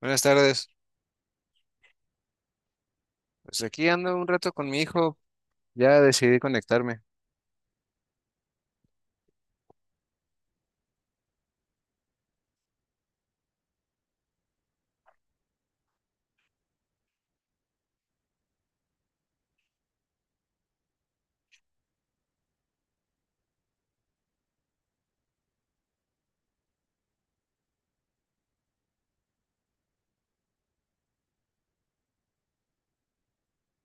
Buenas tardes. Pues aquí ando un rato con mi hijo. Ya decidí conectarme.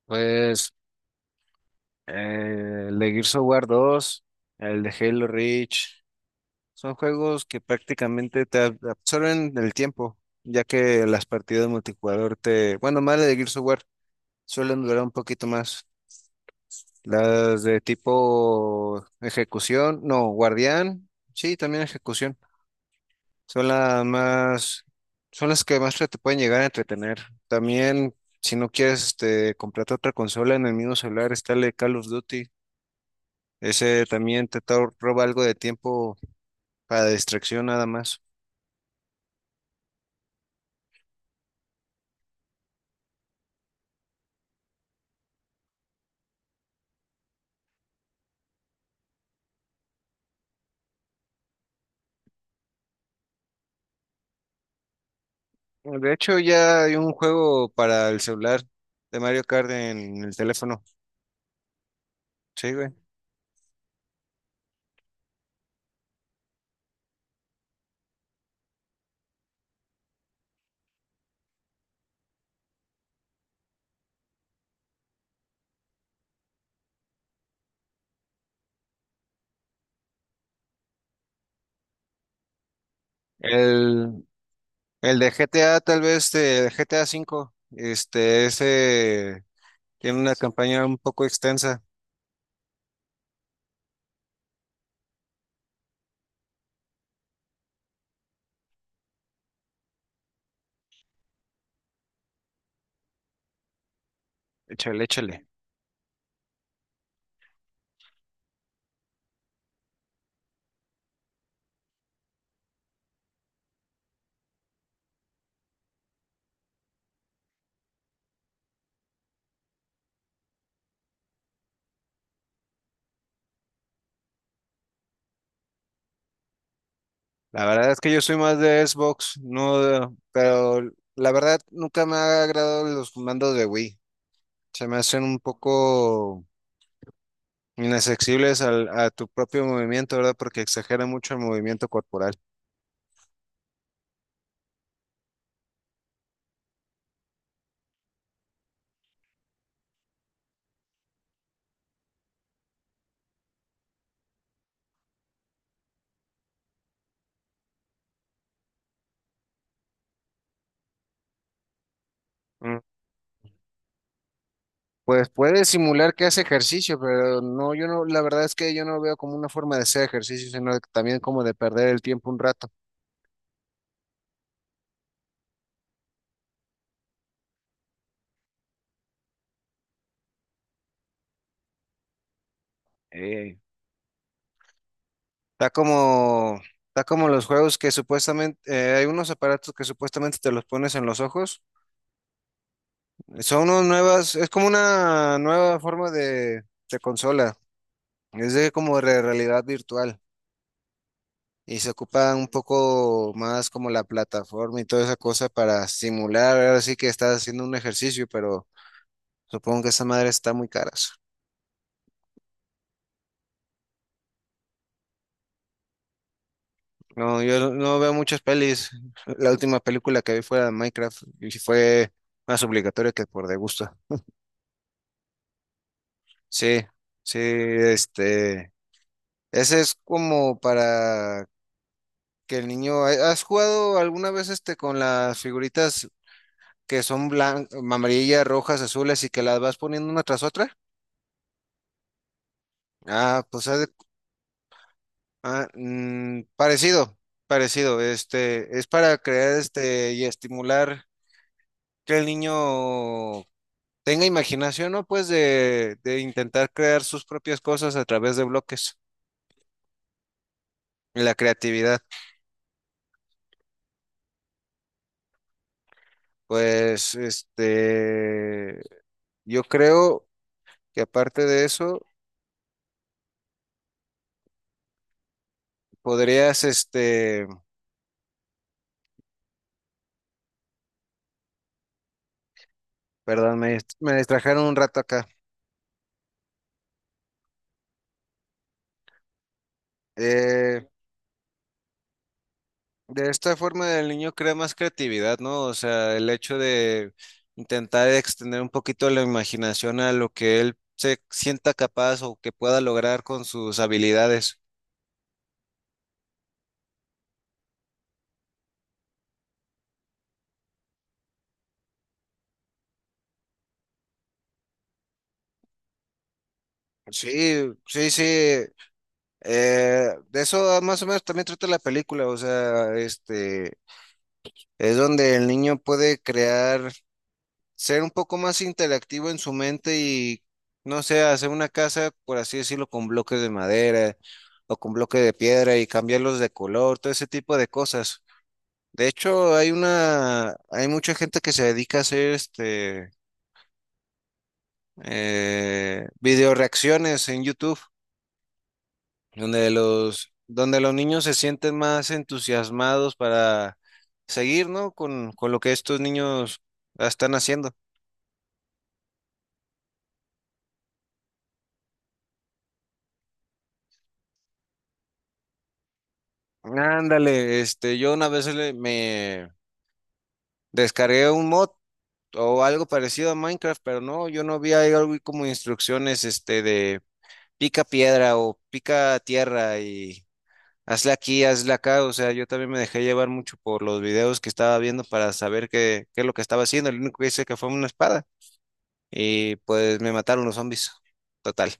Pues el de Gears of War 2, el de Halo Reach, son juegos que prácticamente te absorben el tiempo, ya que las partidas multijugador bueno, más la de Gears of War suelen durar un poquito más. Las de tipo ejecución, no, guardián, sí, también ejecución. Son las más, son las que más te pueden llegar a entretener. También, si no quieres, comprarte otra consola en el mismo celular, está el de Call of Duty. Ese también te roba algo de tiempo para distracción nada más. De hecho, ya hay un juego para el celular de Mario Kart en el teléfono. Sí, güey. El, el de GTA, tal vez, de GTA cinco ese tiene una campaña un poco extensa. Échale, échale. La verdad es que yo soy más de Xbox, no, pero la verdad nunca me ha agradado los mandos de Wii. Se me hacen un poco inaccesibles a tu propio movimiento, ¿verdad? Porque exagera mucho el movimiento corporal. Pues puede simular que hace ejercicio, pero no, yo no, la verdad es que yo no lo veo como una forma de hacer ejercicio, sino también como de perder el tiempo un rato. Eh, Está como, está como los juegos que supuestamente, hay unos aparatos que supuestamente te los pones en los ojos. Es como una nueva forma de consola, es de como de realidad virtual. Y se ocupa un poco más como la plataforma y toda esa cosa para simular. Ahora sí que estás haciendo un ejercicio, pero supongo que esa madre está muy cara. No, yo no veo muchas pelis. La última película que vi fue la de Minecraft y sí fue más obligatoria que por de gusto. Sí, sí, ese es como para que el niño. ¿Has jugado alguna vez con las figuritas que son blancas, amarillas, rojas, azules y que las vas poniendo una tras otra? Ah, pues haz de. Ah, parecido, parecido. Es para crear y estimular que el niño tenga imaginación, ¿no? Pues de intentar crear sus propias cosas a través de bloques. La creatividad. Pues, yo creo que aparte de eso, podrías, perdón, me distrajeron un rato acá. Eh, De esta forma el niño crea más creatividad, ¿no? O sea, el hecho de intentar extender un poquito la imaginación a lo que él se sienta capaz o que pueda lograr con sus habilidades. Sí, sí, sí. De eso más o menos también trata la película, o sea, es donde el niño puede crear ser un poco más interactivo en su mente y, no sé, hacer una casa, por así decirlo, con bloques de madera o con bloques de piedra y cambiarlos de color, todo ese tipo de cosas. De hecho, hay mucha gente que se dedica a hacer video reacciones en YouTube, donde los niños se sienten más entusiasmados para seguir, ¿no? Con lo que estos niños están haciendo. Ándale, yo una vez descargué un mod o algo parecido a Minecraft, pero no, yo no vi ahí algo como instrucciones de pica piedra o pica tierra y hazle aquí, hazle acá. O sea, yo también me dejé llevar mucho por los videos que estaba viendo para saber qué es lo que estaba haciendo. El único que hice que fue una espada y pues me mataron los zombies. Total.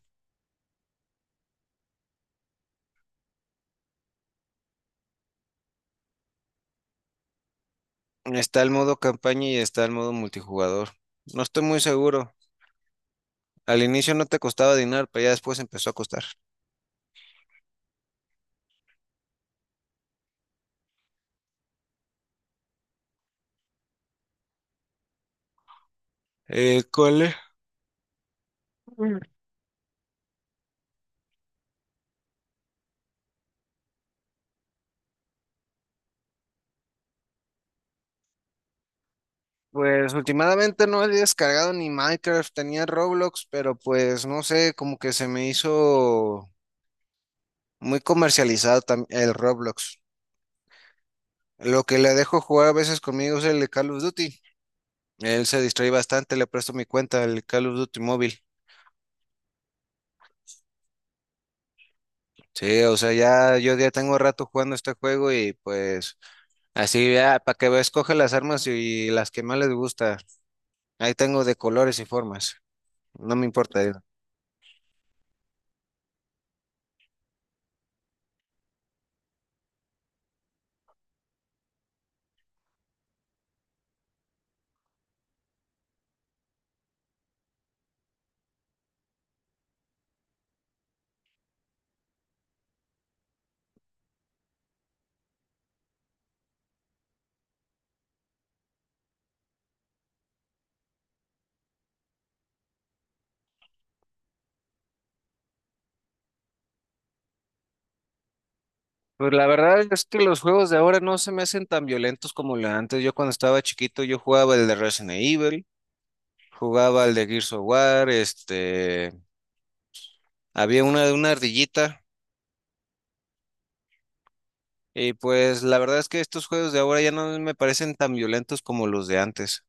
Está el modo campaña y está el modo multijugador. No estoy muy seguro. Al inicio no te costaba dinero, pero ya después empezó a costar. ¿Cuál es? Pues últimamente no he descargado ni Minecraft, tenía Roblox, pero pues no sé, como que se me hizo muy comercializado el Roblox. Lo que le dejo jugar a veces conmigo es el de Call of Duty. Él se distrae bastante, le presto mi cuenta, el Call of Duty móvil. Sí, o sea, ya yo ya tengo rato jugando este juego y pues así ya, para que veas, escoge las armas y las que más les gusta. Ahí tengo de colores y formas. No me importa. Pues la verdad es que los juegos de ahora no se me hacen tan violentos como lo de antes. Yo cuando estaba chiquito yo jugaba el de Resident Evil, jugaba el de Gears of War, este, había una de una ardillita y pues la verdad es que estos juegos de ahora ya no me parecen tan violentos como los de antes.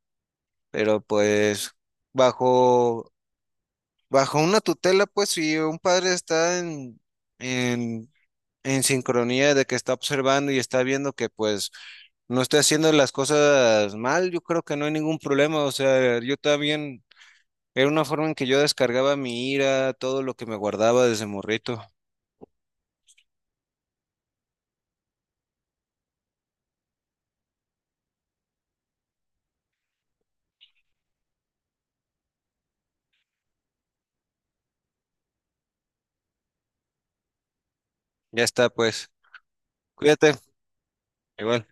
Pero pues bajo bajo una tutela, pues si un padre está en en sincronía de que está observando y está viendo que pues no estoy haciendo las cosas mal, yo creo que no hay ningún problema. O sea, yo también era una forma en que yo descargaba mi ira, todo lo que me guardaba desde morrito. Ya está, pues. Cuídate. Igual.